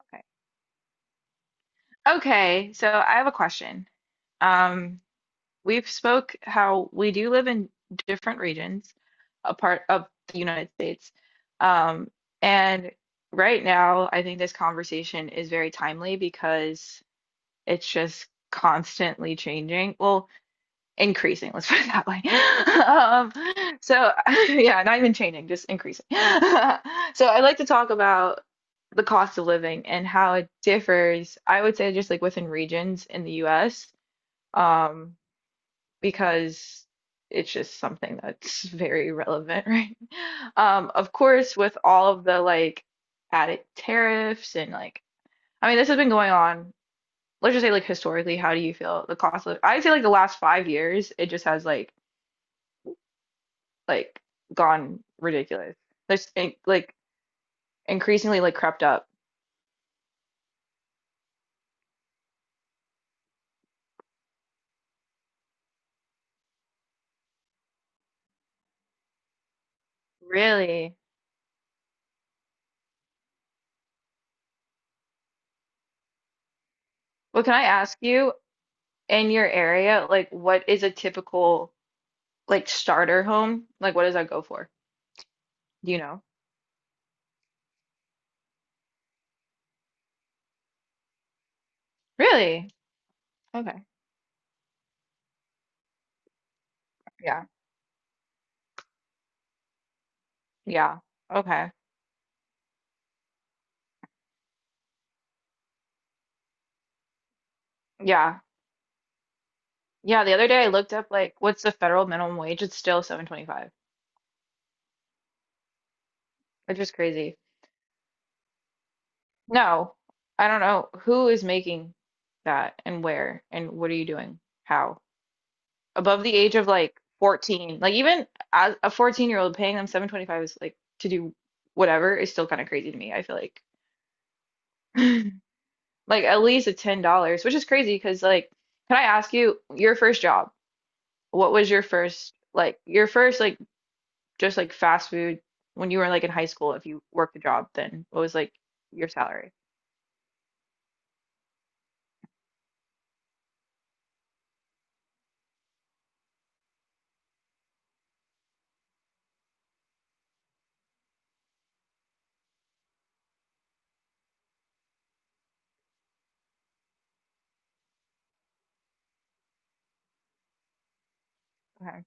Okay, Okay, so I have a question. Um, we've spoke how we do live in different regions, a part of the United States. Um, and right now, I think this conversation is very timely because it's just constantly changing. Well, increasing, let's put it that way. Um, so, yeah, not even changing, just increasing. So, I like to talk about the cost of living and how it differs, I would say, just like within regions in the US, um, because it's just something that's very relevant, right? Of course, with all of the like added tariffs and like, I mean, this has been going on. Let's just say, like, historically, how do you feel the cost of? I'd say, like, the last 5 years, it just has like gone ridiculous. Like increasingly like crept up. Really? Well, can I ask you in your area, like what is a typical like starter home? Like what does that go for? Do you know? Really? Okay. Yeah. Yeah. Okay. Yeah. Yeah, the other day I looked up like what's the federal minimum wage? It's still 7.25, which is crazy. No. I don't know who is making that and where and what are you doing? How? Above the age of like 14, like even as a 14-year-old paying them 725 is like to do whatever is still kind of crazy to me, I feel like. Like at least a $10, which is crazy because like, can I ask you your first job? What was your first like just like fast food when you were like in high school if you worked a job, then what was like your salary? Okay,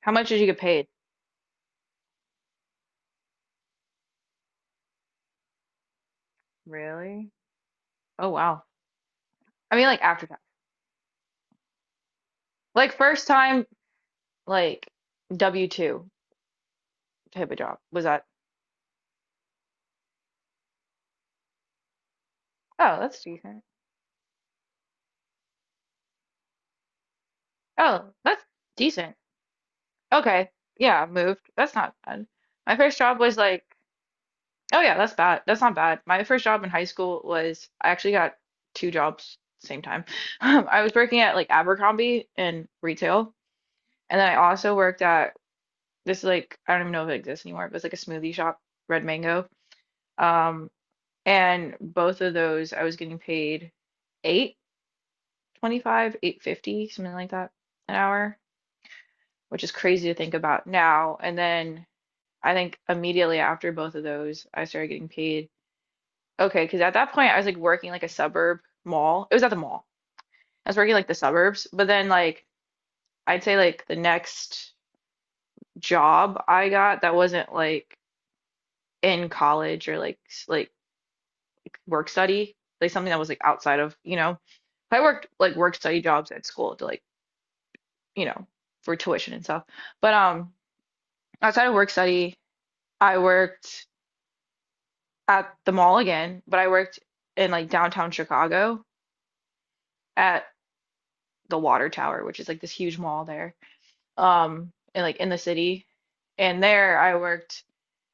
how much did you get paid? Really? Oh, wow. I mean like after tax. Like first time like W-2 type of job, was that? Oh, that's decent. Oh, that's decent. Okay. Yeah, moved. That's not bad. My first job was like, oh yeah, that's bad. That's not bad. My first job in high school was I actually got two jobs same time. I was working at like Abercrombie in retail, and then I also worked at, this is, like I don't even know if it exists anymore. It was like a smoothie shop, Red Mango. Um, and both of those I was getting paid 8.25, 8.50, something like that an hour. Which is crazy to think about now. And then I think immediately after both of those, I started getting paid. Okay, because at that point I was like working like a suburb mall. It was at the mall. I was working like the suburbs, but then like I'd say like the next job I got that wasn't like in college or like like work study, like something that was like outside of, you know, I worked like work study jobs at school to like, you know, for tuition and stuff. But outside of work study, I worked at the mall again, but I worked in like downtown Chicago at the Water Tower, which is like this huge mall there, and like in the city. And there I worked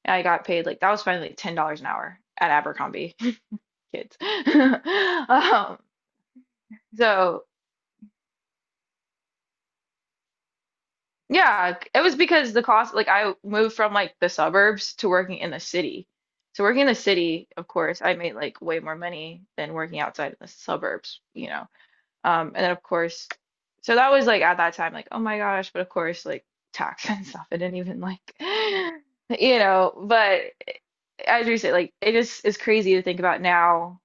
and I got paid like that was finally like $10 an hour at Abercrombie kids. Um, so yeah, it was because the cost like I moved from like the suburbs to working in the city. So working in the city, of course, I made like way more money than working outside in the suburbs, you know. And then of course, so that was like at that time, like, oh my gosh, but of course, like tax and stuff, I didn't even like, you know, but as you say, like it just is crazy to think about now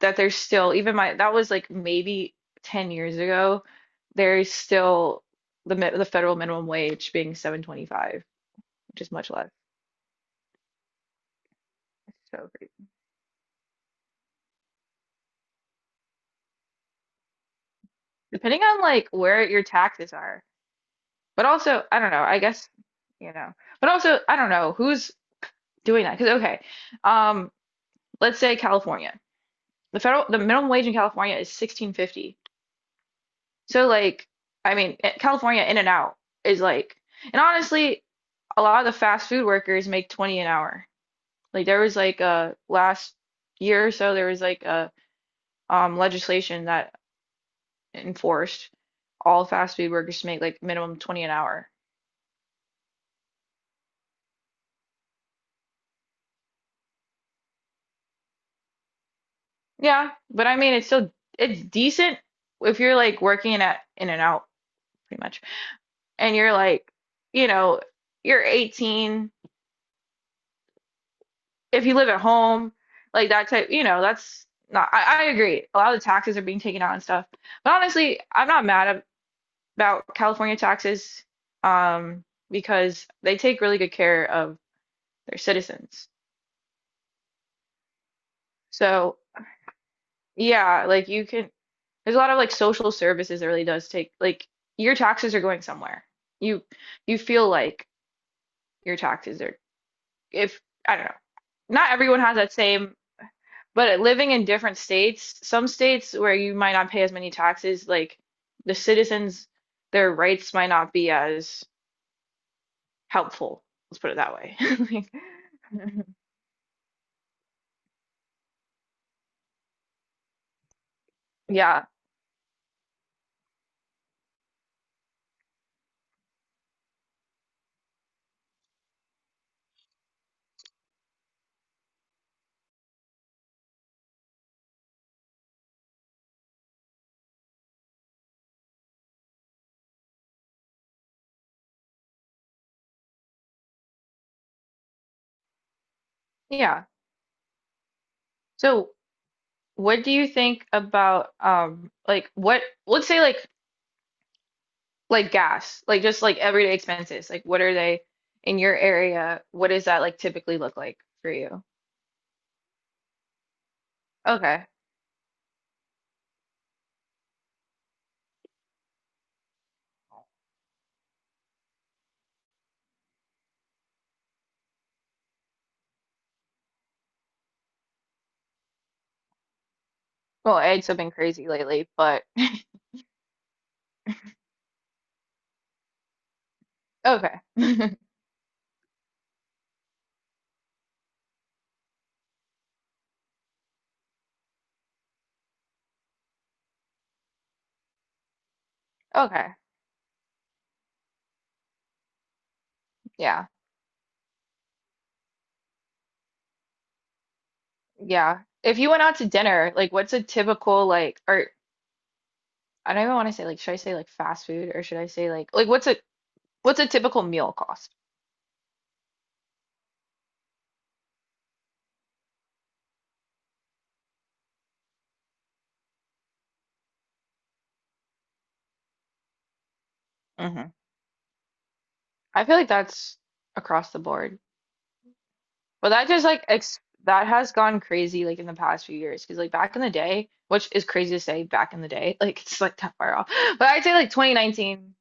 that there's still even my that was like maybe 10 years ago, there's still the federal minimum wage being 7.25, which is much less. It's so crazy. Depending on like where your taxes are, but also, I don't know, I guess, you know, but also, I don't know who's doing that because okay. um. Let's say California. The minimum wage in California is 16.50. So like I mean California in and out is like and honestly a lot of the fast food workers make 20 an hour. Like there was like a last year or so there was like a legislation that enforced all fast food workers to make like minimum 20 an hour. Yeah, but I mean it's still it's decent if you're like working in at in and out pretty much and you're like you know you're 18 if you live at home, like that type, you know, that's not, I agree. A lot of the taxes are being taken out and stuff. But honestly, I'm not mad about California taxes, um, because they take really good care of their citizens. So, yeah, like you can, there's a lot of like social services that really does take, like your taxes are going somewhere. You you feel like your taxes are, if, I don't know, not everyone has that same. But living in different states, some states where you might not pay as many taxes, like the citizens, their rights might not be as helpful. Let's put it that way. Like, yeah, yeah. So, what do you think about like what let's say like gas, like just like everyday expenses. Like what are they in your area? What does that like typically look like for you? Okay. Well, eggs have been crazy lately, but okay. Okay. Yeah. Yeah. If you went out to dinner, like what's a typical like or I don't even want to say like should I say like fast food or should I say like what's a typical meal cost? hmm I feel like that's across the board. But that just like ex that has gone crazy like in the past few years because like back in the day, which is crazy to say back in the day, like it's like that far off. But I'd say like 2019,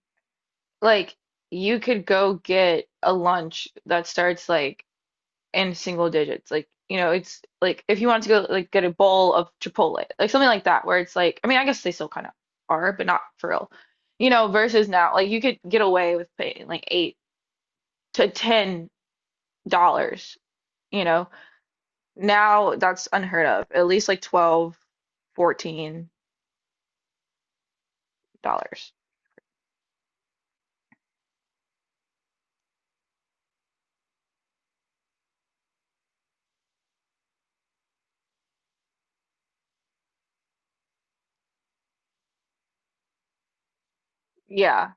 like you could go get a lunch that starts like in single digits. Like, you know, it's like if you wanted to go like get a bowl of Chipotle, like something like that, where it's like, I mean, I guess they still kind of are, but not for real. You know, versus now, like you could get away with paying like $8 to $10, you know. Now that's unheard of. At least like 12, $14. Yeah,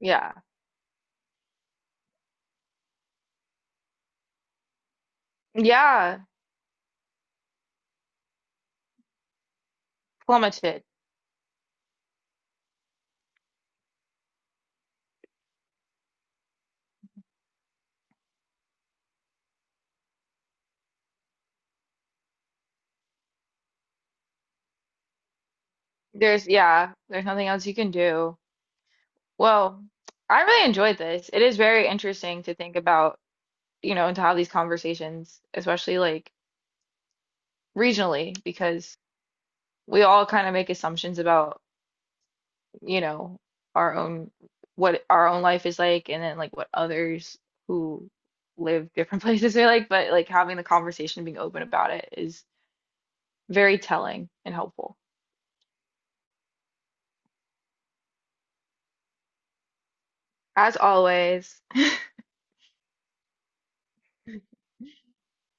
yeah. Yeah, plummeted. There's yeah, there's nothing else you can do. Well, I really enjoyed this. It is very interesting to think about, you know, and to have these conversations, especially like regionally, because we all kind of make assumptions about, you know, our own what our own life is like and then like what others who live different places are like, but like having the conversation, being open about it is very telling and helpful. As always,